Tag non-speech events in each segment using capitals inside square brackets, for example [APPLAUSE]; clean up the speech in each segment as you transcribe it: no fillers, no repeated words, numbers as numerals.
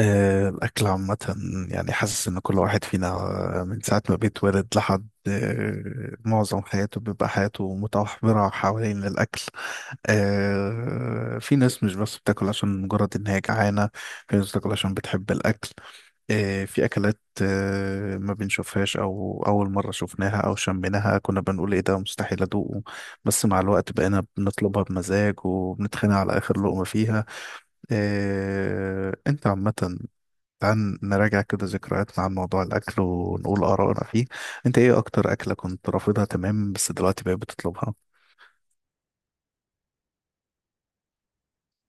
الأكل عامة، يعني حاسس إن كل واحد فينا، من ساعة ما بيتولد لحد معظم حياته بيبقى حياته متمحورة حوالين الأكل. في ناس مش بس بتاكل عشان مجرد إن هي جعانة، في ناس بتاكل عشان بتحب الأكل. في أكلات ما بنشوفهاش أو أول مرة شفناها أو شميناها كنا بنقول إيه ده مستحيل أدوقه، بس مع الوقت بقينا بنطلبها بمزاج وبنتخانق على آخر لقمة فيها. انت عامة، تعال نراجع كده ذكرياتنا عن موضوع الأكل ونقول آرائنا فيه. أنت إيه أكتر أكلة كنت رافضها تمام بس دلوقتي بقيت بتطلبها؟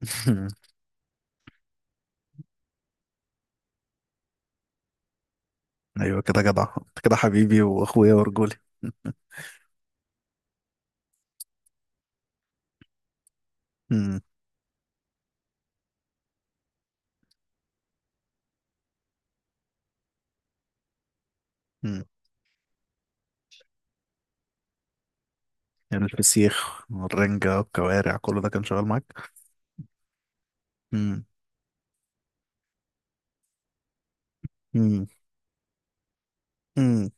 [LAUGHS] أيوة كده جدع. أنت كده حبيبي وأخويا ورجولي. [LAUGHS] مم. مم. يعني الفسيخ والرنجة والكوارع كله ده كان شغال معاك؟ [LAUGHS] مم. مم. مم.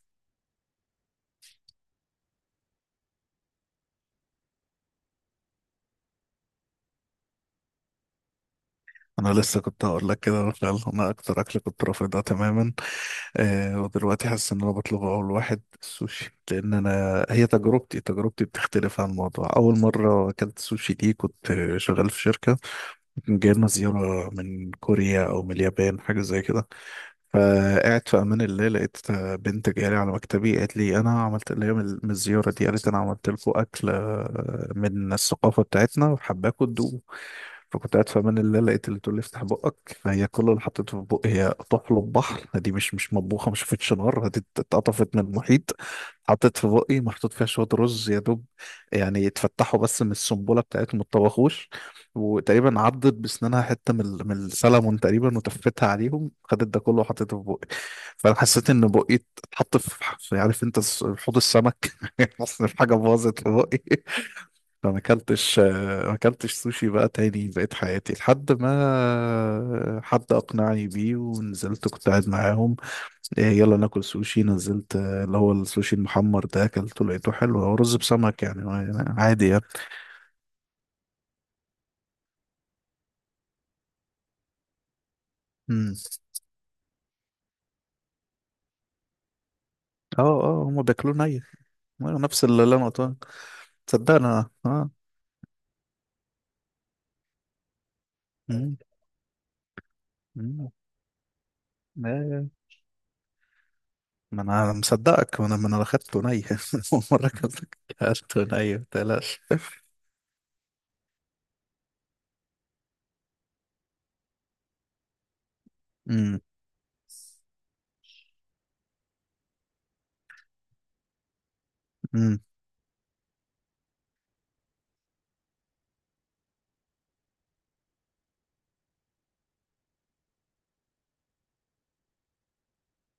أنا لسه كنت هقول لك كده، فعلا أنا أكتر أكلة كنت رافضها تماما آه ودلوقتي حاسس ان انا بطلب اول واحد السوشي، لان انا هي تجربتي بتختلف عن الموضوع. اول مره اكلت سوشي دي كنت شغال في شركه، كان جاي لنا زياره من كوريا او من اليابان حاجه زي كده. فقعدت في امان الله لقيت بنت جايه لي على مكتبي قالت لي انا عملت اللي هي من الزياره دي، قالت انا عملت لكم اكل من الثقافه بتاعتنا وحباكم. فكنت قاعد في امان الله لقيت اللي تقول لي افتح بقك، فهي كل اللي حطيته في بقي هي طحلب بحر، دي مش مطبوخه ما شافتش نار، دي اتقطفت من المحيط. حطيت في بقي محطوط فيها شويه رز يا دوب، يعني يتفتحوا بس من السنبله بتاعتهم ما اتطبخوش. وتقريبا عضت بسنانها حته من السلمون تقريبا وتفتها عليهم، خدت ده كله وحطيته في بقي. فانا حسيت ان بقي اتحط في عارف انت حوض السمك. [LAUGHS] حاسس ان في حاجه باظت في بقي. انا ما اكلتش سوشي بقى تاني بقيت حياتي لحد ما حد اقنعني بيه، ونزلت كنت قاعد معاهم. إيه يلا ناكل سوشي، نزلت اللي هو السوشي المحمر ده اكلته لقيته حلو، هو رز بسمك، يعني يعني عادي يعني. مم. اه اه هما بياكلوه ني، أيوة، نفس اللي انا قلتها، تصدقنا اه. مم. مم. آه. ما انا مصدقك، ما انا ما انا اخدته ني. [LAUGHS] أول مرة اكلته، اكلته ني متقلقش. مم. مم.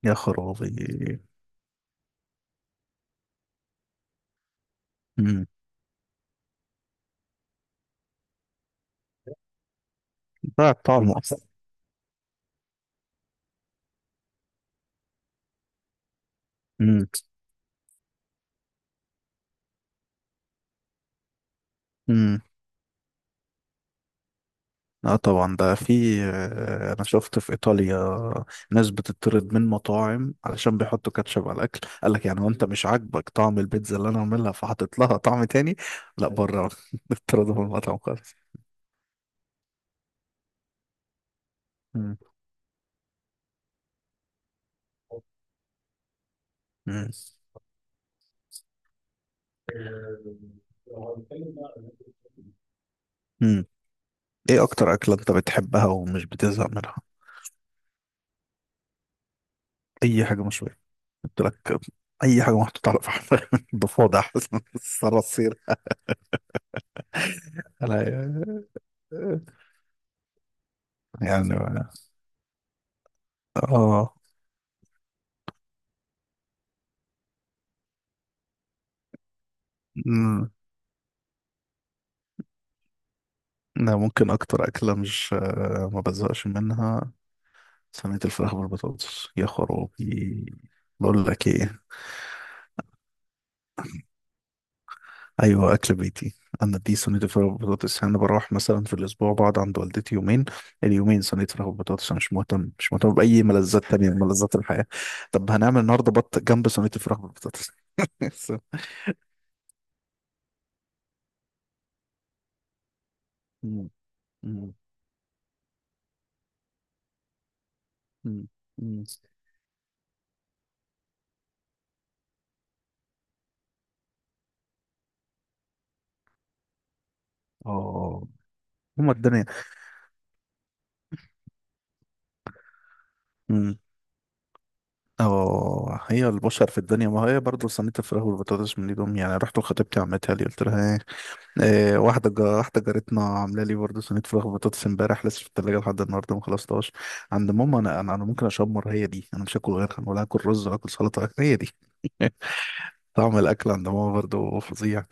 يا خرابي. امم. ده طعمه اصلا. امم. امم. اه طبعا، ده في انا شفت في ايطاليا ناس بتطرد من مطاعم علشان بيحطوا كاتشب على الاكل، قال لك يعني هو انت مش عاجبك طعم البيتزا اللي انا عاملها فحاطط لها طعم تاني؟ لا بره. [LAUGHS] اطردوا من المطعم خالص. امم. امم. امم. ايه اكتر اكله انت بتحبها ومش بتزهق منها؟ اي حاجه مشويه، قلت لك، اي حاجه محطوطه على فحم. [LAUGHS] ضفادع، صراصير. [LAUGHS] انا يعني اه. أمم، انا ممكن اكتر اكله مش آه، ما بزهقش منها صينيه الفراخ بالبطاطس، يا خرابي. بقول لك ايه، ايوه اكل بيتي. انا دي صينيه الفراخ بالبطاطس، يعني انا بروح مثلا في الاسبوع بقعد عند والدتي يومين، اليومين صينيه فراخ بالبطاطس. انا مش مهتم باي ملذات تانية من ملذات الحياه. طب هنعمل النهارده بط جنب صينيه الفراخ بالبطاطس. [LAUGHS] أمم، أمم، أمم، أمم. اه هما الدنيا. مم. اه هي البشر في الدنيا، ما هي برضه صينية الفراخ والبطاطس من ايدهم. يعني رحت لخطيبتي عمتها لي، قلت لها ايه، إيه، واحدة جارتنا عاملة لي برضه صينية فراخ وبطاطس امبارح، لسه في التلاجة لحد النهاردة ما خلصتهاش. عند ماما انا، انا ممكن اشمر هي دي، انا مش هاكل غيرها ولا هاكل رز ولا هاكل سلطة، هي دي. طعم الاكل عند ماما برضه فظيع.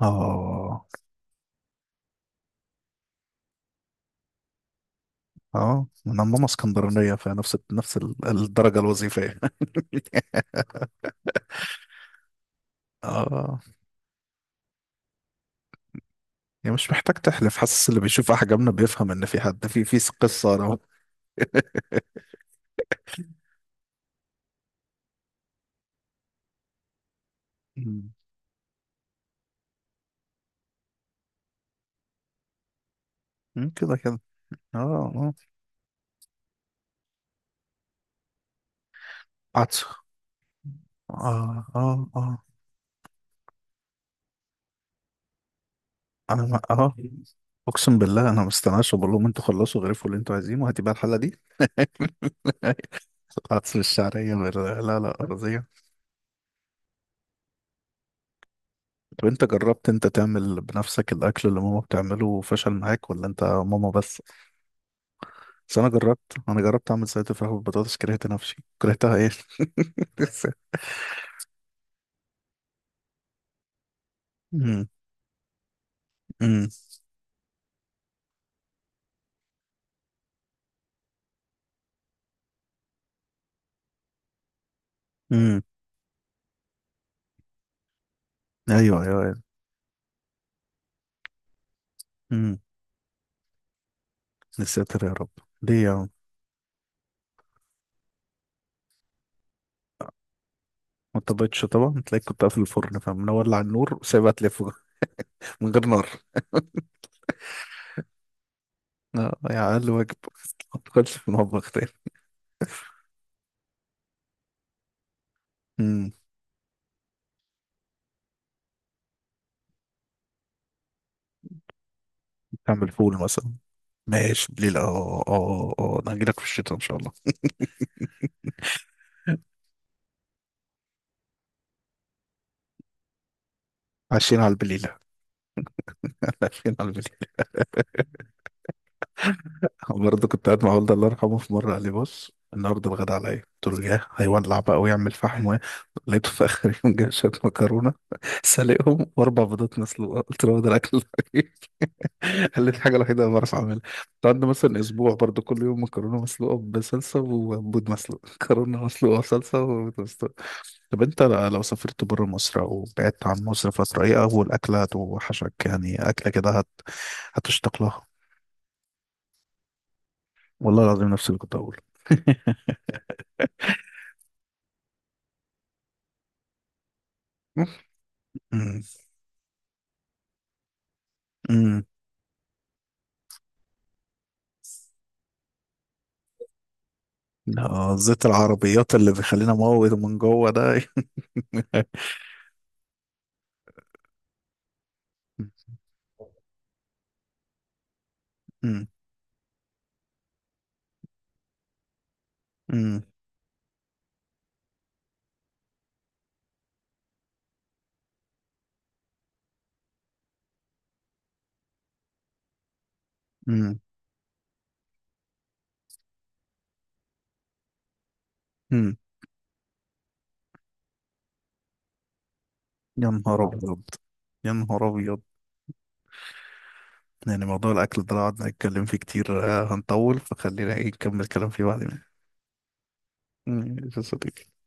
اه اه انا ماما اسكندرانية، فنفس نفس الدرجة الوظيفية. [LAUGHS] اه يعني مش محتاج تحلف، حاسس اللي بيشوف احجامنا بيفهم ان في حد في قصة. مم. مم، كده كده. اه اه. عطس. اه اه اه. انا ما اه. اقسم بالله انا ما استناش وبقول لهم انتوا خلصوا غرفوا اللي انتوا عايزينه، هاتي بقى الحله دي. [LAUGHS] العدس الشعريه لا لا ارضيه. طب انت جربت انت تعمل بنفسك الاكل اللي ماما بتعمله وفشل معاك ولا انت ماما بس؟ بس انا جربت، انا جربت اعمل سلطه فراخ بالبطاطس، كرهت نفسي، كرهتها ايه. [LAUGHS] امم. امم. امم. ايوه ايوه ايوه. امم. يا ساتر يا رب. ليه يا عم؟ ما اضطريتش طبعا، تلاقيك كنت قافل الفرن فمنولع النور وسايبها تلف. [LAUGHS] من غير نار، يعني اقل واجب. [LAUGHS] ما تدخلش في المطبخ تاني. امم. تعمل فول مثلا؟ ماشي بليلة، اه اه اه. آه. انا هجيلك في الشتاء ان شاء الله. عايشين على البليلة، عايشين على البليلة. [LAUGHS] برضه كنت قاعد مع والدي الله يرحمه، في مرة قال لي بص النهارده الغدا عليا، قلت له ياه هيولع بقى ويعمل فحم [LAUGHS] لقيته في اخر يوم جاب شوية مكرونة. [LAUGHS] سلقهم واربع بيضات مسلوقة، قلت له هو ده الاكل؟ [LAUGHS] [LAUGHS] قالت الحاجة الوحيدة اللي بعرف أعملها. قعدنا مثلا أسبوع برضو كل يوم مكرونة مسلوقة بصلصة وبيض مسلوق. [LAUGHS] مكرونة مسلوقة بصلصة وبيض مسلوق. طب أنت لو سافرت برا مصر أو بعدت عن مصر فترة، إيه أول أكلة هتوحشك؟ يعني أكلة كده هتشتاق لها. والله العظيم نفس اللي كنت أقوله. [LAUGHS] أمم، أمم. لا، زيت العربيات اللي بيخلينا موت من جوه ده. [LAUGHS] أمم، أمم، أمم، أمم. يا نهار أبيض، يا نهار أبيض. يعني موضوع الأكل ده لو قعدنا نتكلم فيه كتير هنطول، فخلينا نكمل كلام فيه بعدين. ماشي يا صديقي.